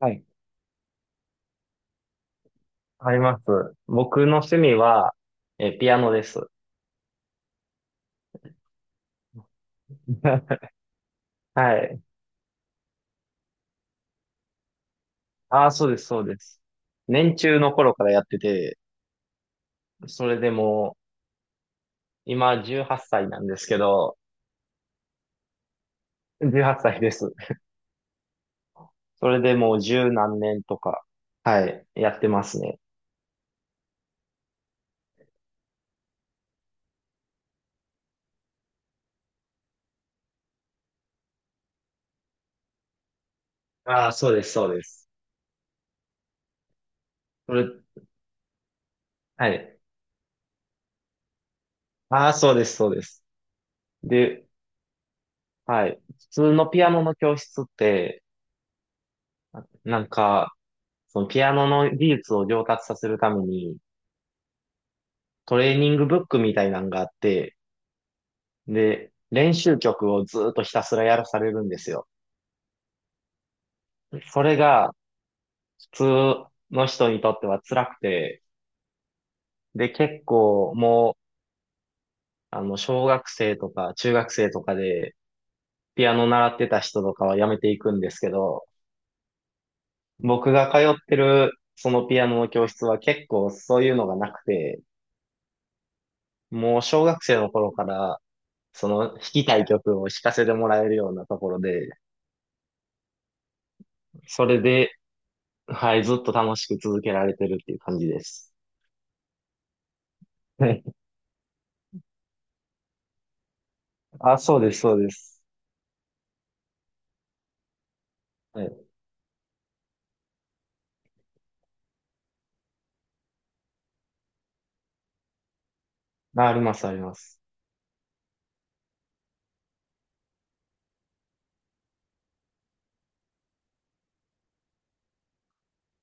はい。あります。僕の趣味は、ピアノです。はい。ああ、そうです、そうです。年中の頃からやってて、それでもう、今18歳なんですけど、18歳です。それでもう十何年とか、はい、やってますね。ああ、そうです、そうです。それ、はい。ああ、そうです、そうです。で、はい。普通のピアノの教室って、なんか、そのピアノの技術を上達させるために、トレーニングブックみたいなんがあって、で、練習曲をずーっとひたすらやらされるんですよ。それが普通の人にとっては辛くて、で、結構もう、小学生とか中学生とかでピアノ習ってた人とかはやめていくんですけど、僕が通ってるそのピアノの教室は結構そういうのがなくて、もう小学生の頃からその弾きたい曲を弾かせてもらえるようなところで、それではい、ずっと楽しく続けられてるっていう感じです。はい。あ、そうです、そうです。はい。まあ、あります、あります。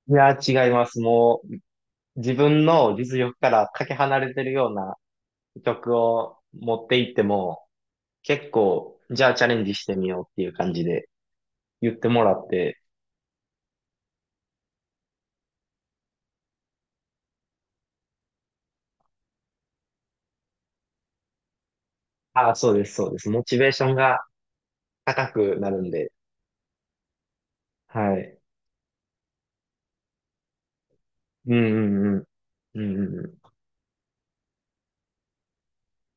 いや、違います。もう、自分の実力からかけ離れてるような曲を持っていっても、結構、じゃあチャレンジしてみようっていう感じで言ってもらって、あ、そうです、そうです。モチベーションが高くなるんで、はい。うんうんうん。うんうんうん。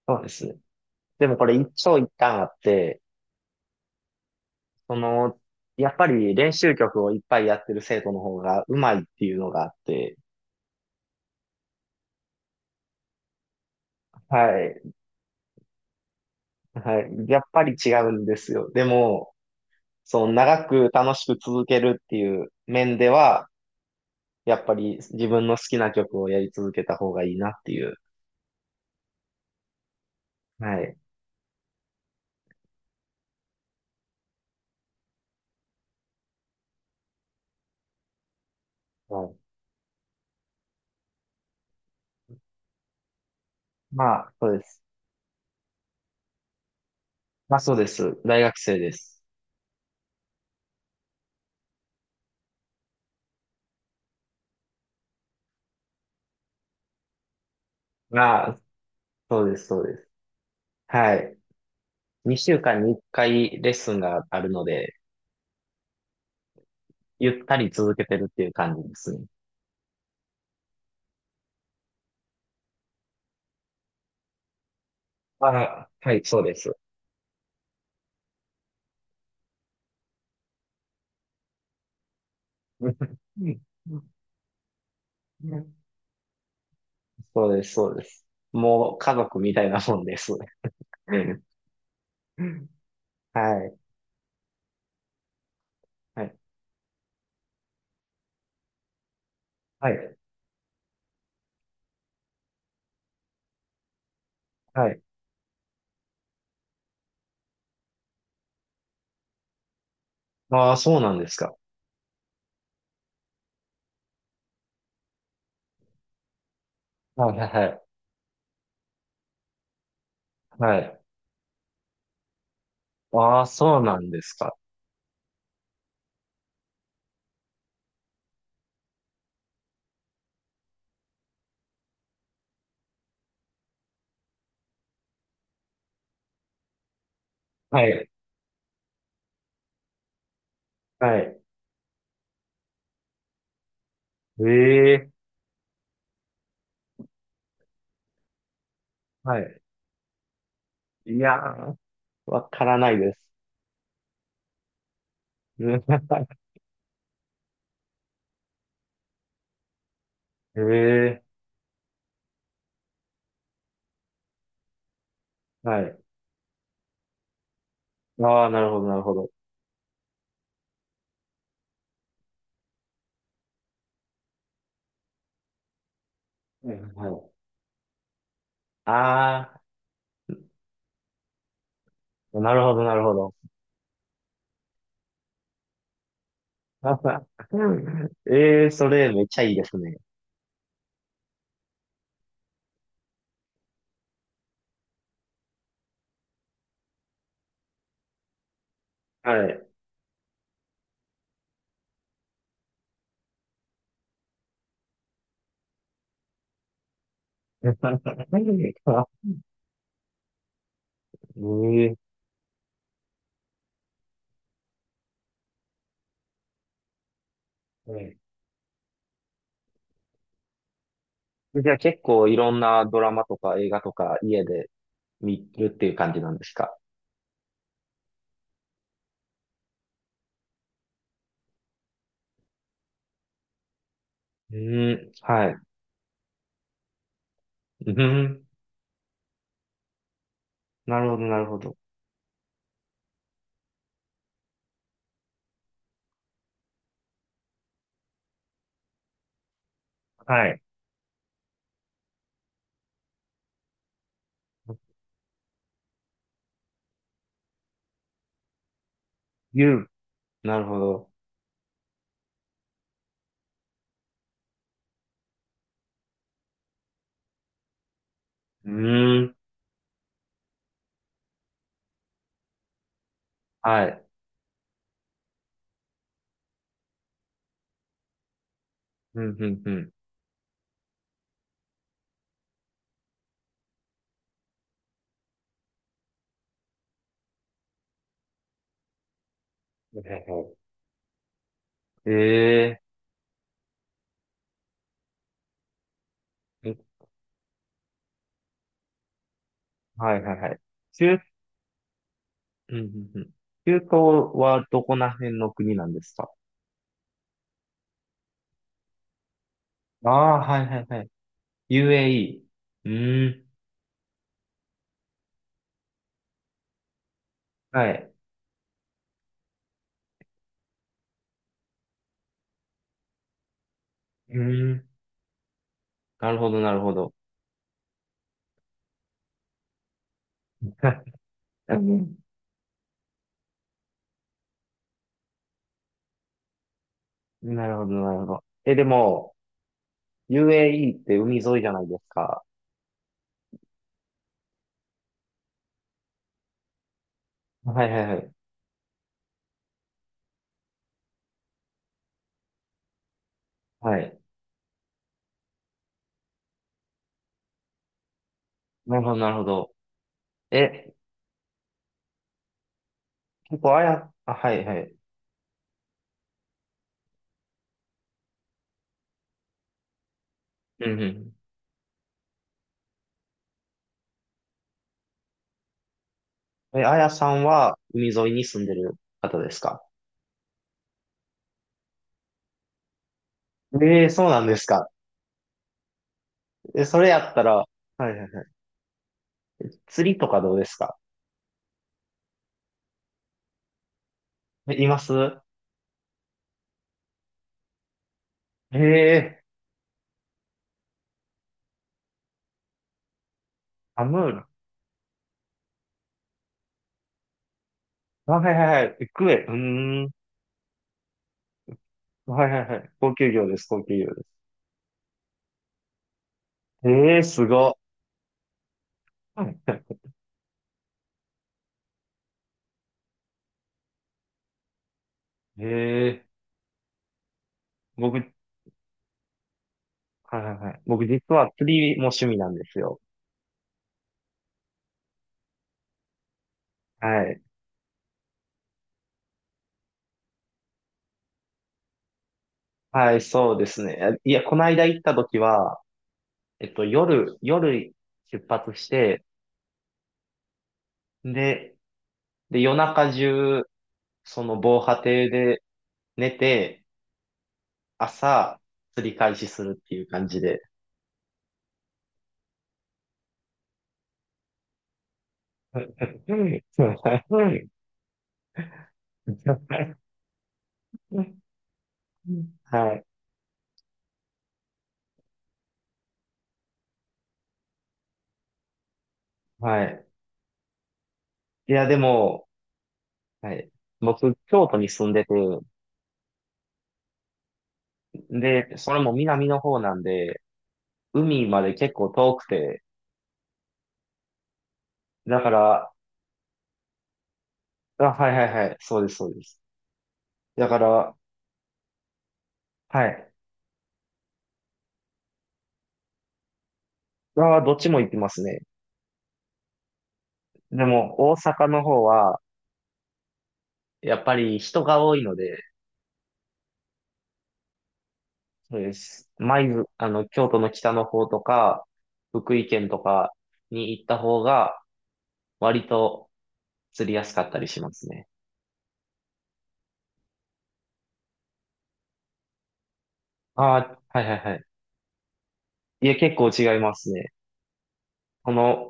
そうですね。でもこれ一長一短あって、その、やっぱり練習曲をいっぱいやってる生徒の方がうまいっていうのがあって、はい、はい、やっぱり違うんですよ。でも、その長く楽しく続けるっていう面では、やっぱり自分の好きな曲をやり続けた方がいいなっていう。はい。はい、まあ、そうです。まあ、そうです。大学生です。まあ、そうです、そうです。はい。2週間に1回レッスンがあるので、ゆったり続けてるっていう感じですね。あ、はい、そうです。うんそうです、そうです。もう家族みたいなもんです。うんはい、はい、はい、はい。ああ、そうなんですか。はい、はい、はい。はいああ、そうなんですか。はい、はい。ええ、はい。いやー、わからないです。ええ、はい。ああ、なるほど、なるほど。うんはい、ああ、なるほど、なるほど。ええ、それめっちゃいいですね。はい。ええうんじゃあ結構いろんなドラマとか映画とか家で見るっていう感じなんですか？うん、はい。うん、なるほど、なるほど。はい。言う。なるほど。うん、はい。うん、うん、うん。えええはい、はい、はい。うん、うん、うん。中東はどこら辺の国なんですか？ああ、はい、はい、はい。UAE。うん、はい。うん、なるほど、なるほど。うん なるほど、なるほど。え、でも、UAE って海沿いじゃないですか。はいはいはい。はい。なるほど、なるほど。え、結構あや、あ、はいはい。うんうん。え、あやさんは海沿いに住んでる方ですか？ええーそうなんですか。え、それやったら、はいはいはい。釣りとかどうですか？え、いますええーアムール。あ、はいはいはい。クエ。うーん。はいはいはい。高級魚です、高級魚です。ええーすご。ええー僕はいはいはい。僕実は釣りも趣味なんですよ。はい。はい、そうですね。いや、この間行った時は、夜出発して、で、で、夜中中、その防波堤で寝て、朝、釣り開始するっていう感じで。はい。はい。いや、でも、はい。僕、京都に住んでて、で、それも南の方なんで、海まで結構遠くて、だから、あ、はいはいはい、そうです、そうです。だから、はい。あーどっちも行きますね。でも、大阪の方は、やっぱり人が多いので、そうです。舞鶴、京都の北の方とか、福井県とかに行った方が、割と釣りやすかったりしますね。ああ、はいはいはい。いや、結構違いますね。この、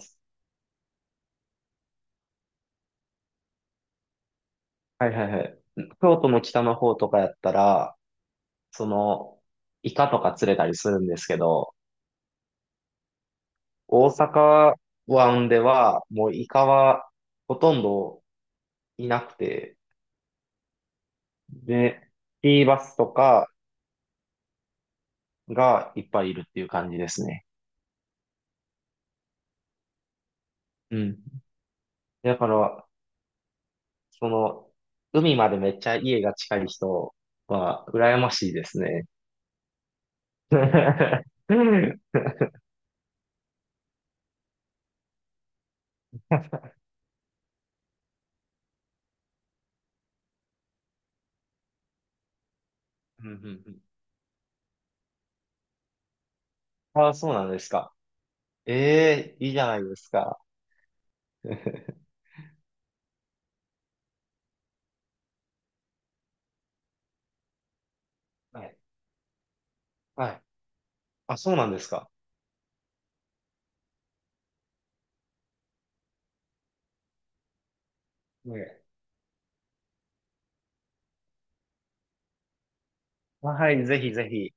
はいはいはい。京都の北の方とかやったら、その、イカとか釣れたりするんですけど、大阪湾では、もうイカはほとんどいなくて、で、シーバスとかがいっぱいいるっていう感じですね。うん。だから、その、海までめっちゃ家が近い人は、羨ましいですね。うんうんうんあ あ、そうなんですか。ええいいじゃないですか。はい。はい。あ、そうなんですか。ねはい、ぜひぜひ。